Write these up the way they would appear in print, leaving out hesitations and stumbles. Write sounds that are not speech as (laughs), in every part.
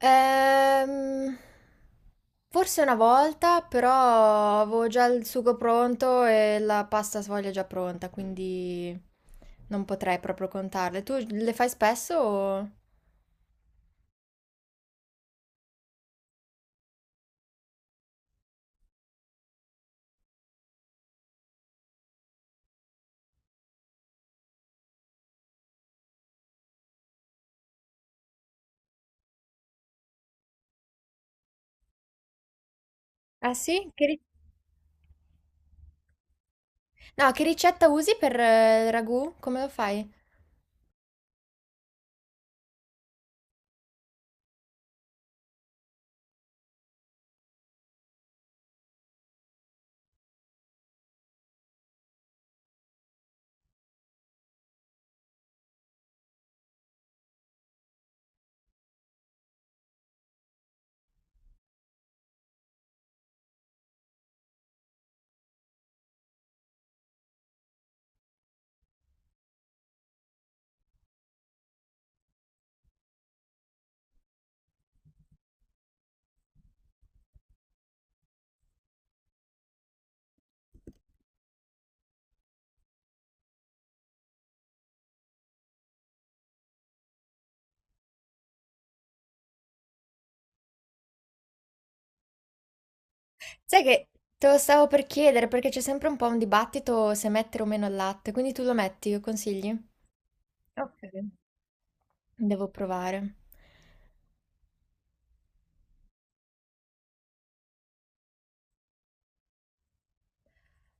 Ehm, forse una volta, però avevo già il sugo pronto e la pasta sfoglia già pronta, quindi non potrei proprio contarle. Tu le fai spesso? Ah sì? No, che ricetta usi per il ragù? Come lo fai? Sai che te lo stavo per chiedere perché c'è sempre un po' un dibattito se mettere o meno il latte, quindi tu lo metti, lo consigli? Ok. Devo provare.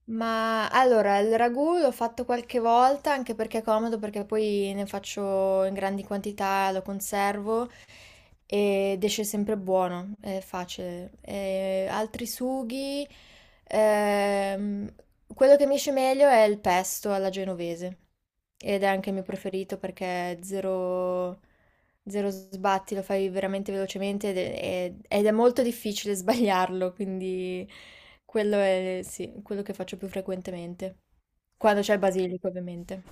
Ma allora, il ragù l'ho fatto qualche volta anche perché è comodo, perché poi ne faccio in grandi quantità, lo conservo ed esce sempre buono, è facile. E altri sughi, ehm, quello che mi esce meglio è il pesto alla genovese ed è anche il mio preferito perché è zero, zero sbatti, lo fai veramente velocemente ed è molto difficile (laughs) sbagliarlo, quindi... Quello è, sì, quello che faccio più frequentemente. Quando c'è il basilico, ovviamente.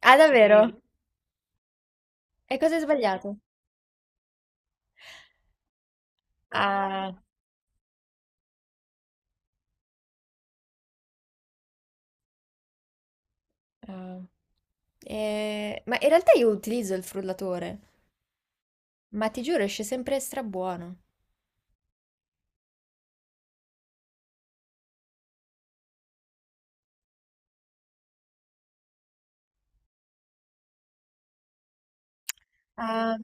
Ah, davvero? Mm. E cosa hai sbagliato? Ah, ah. Ma in realtà io utilizzo il frullatore, ma ti giuro, esce sempre strabuono. Ah,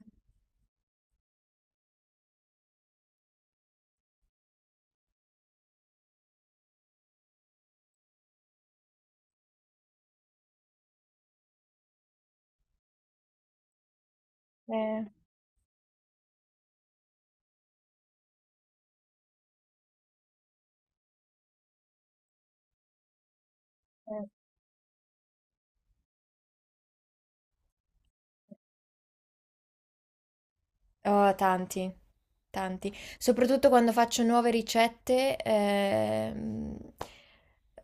eh, eh. Oh, tanti, tanti. Soprattutto quando faccio nuove ricette,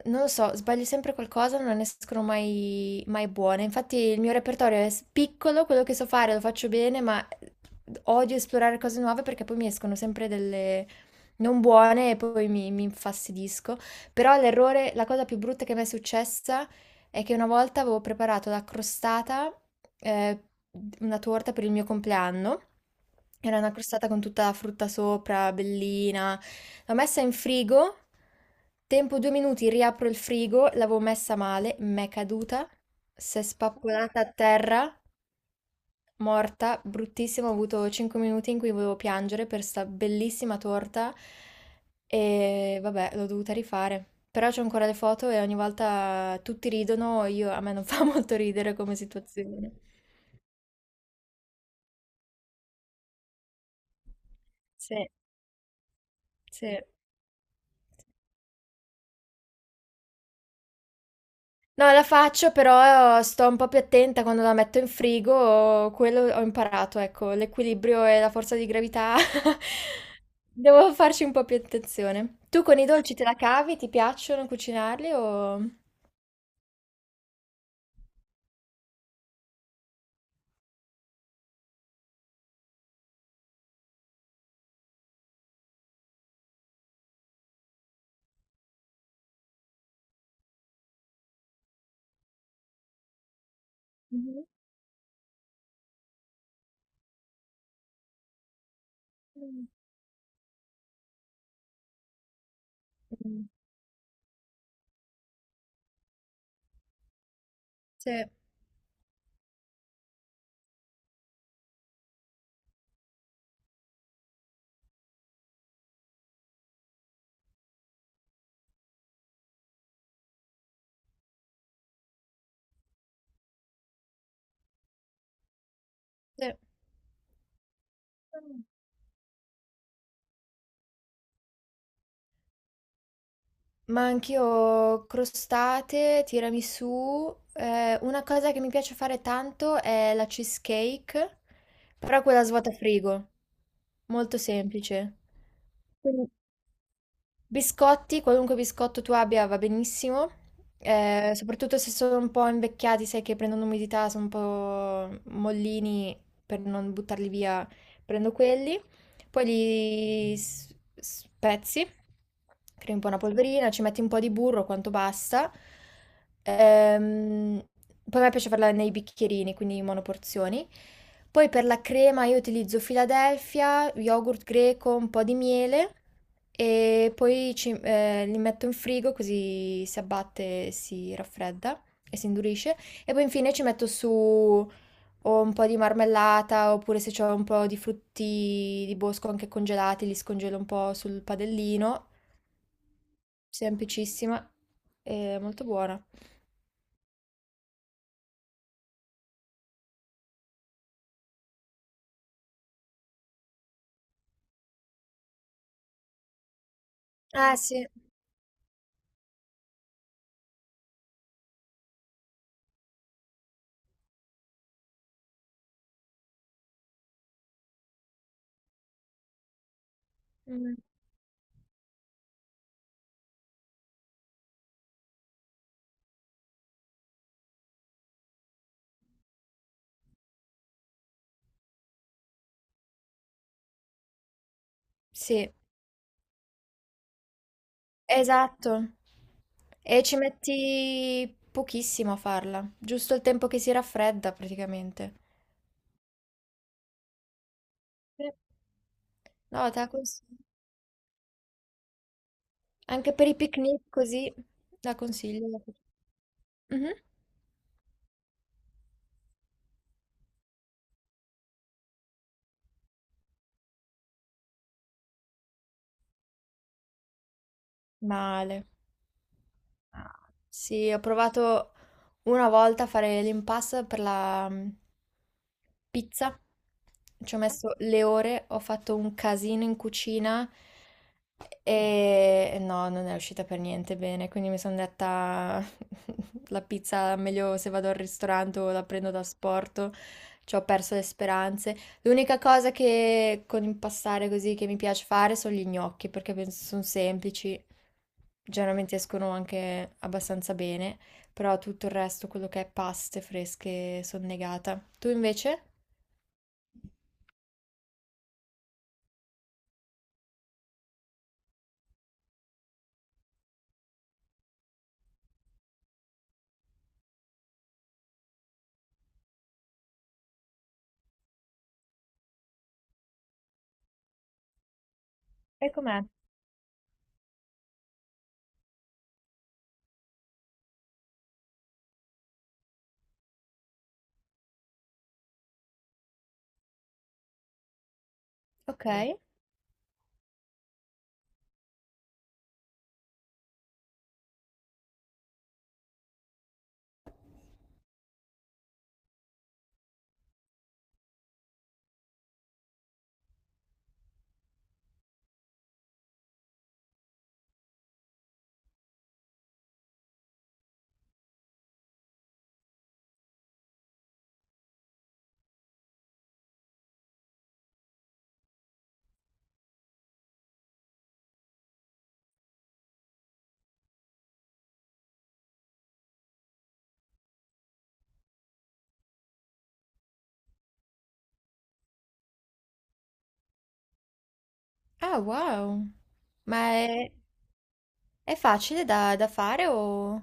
non lo so, sbaglio sempre qualcosa, non ne escono mai, mai buone. Infatti il mio repertorio è piccolo, quello che so fare lo faccio bene, ma odio esplorare cose nuove perché poi mi escono sempre delle non buone e poi mi infastidisco. Però l'errore, la cosa più brutta che mi è successa è che una volta avevo preparato la crostata, eh, una torta per il mio compleanno. Era una crostata con tutta la frutta sopra, bellina. L'ho messa in frigo, tempo due minuti, riapro il frigo, l'avevo messa male, m'è caduta, si è spappolata a terra. Morta, bruttissima, ho avuto 5 minuti in cui volevo piangere per sta bellissima torta e vabbè, l'ho dovuta rifare. Però c'ho ancora le foto e ogni volta tutti ridono, io, a me non (laughs) fa molto ridere come situazione. Sì, sì. No, la faccio, però sto un po' più attenta quando la metto in frigo, quello ho imparato, ecco, l'equilibrio e la forza di gravità. (laughs) Devo farci un po' più attenzione. Tu con i dolci te la cavi? Ti piacciono cucinarli o... Mh-mh. Mh. Mh. Sì, sì. Mh. Ma anch'io crostate, tiramisù. Una cosa che mi piace fare tanto è la cheesecake, però quella svuota frigo, molto semplice. Quindi biscotti, qualunque biscotto tu abbia va benissimo, soprattutto se sono un po' invecchiati, sai che prendono umidità, sono un po' mollini, per non buttarli via prendo quelli. Poi spezzi, crei un po' una polverina, ci metti un po' di burro, quanto basta. Ehm, poi a me piace farla nei bicchierini, quindi in monoporzioni. Poi per la crema io utilizzo Philadelphia, yogurt greco, un po' di miele e poi li metto in frigo così si abbatte, si raffredda e si indurisce. E poi infine ci metto su o un po' di marmellata, oppure se c'ho un po' di frutti di bosco anche congelati, li scongelo un po' sul padellino, semplicissima e molto buona. Ah sì, Mm, sì, esatto. E ci metti pochissimo a farla, giusto il tempo che si raffredda praticamente. Sì. No, te la consiglio. Anche per i picnic così la consiglio. Mhm. Male. Ah, sì, ho provato una volta fare l'impasse per la pizza, ci ho messo le ore, ho fatto un casino in cucina e no, non è uscita per niente bene, quindi mi sono detta (laughs) la pizza meglio se vado al ristorante o la prendo da sporto, ci ho perso le speranze. L'unica cosa che con impastare così che mi piace fare sono gli gnocchi perché penso sono semplici, generalmente escono anche abbastanza bene però tutto il resto, quello che è paste fresche, sono negata. Tu invece? E com'è? Ok. Ah, wow. Ma è, è facile da, da fare o...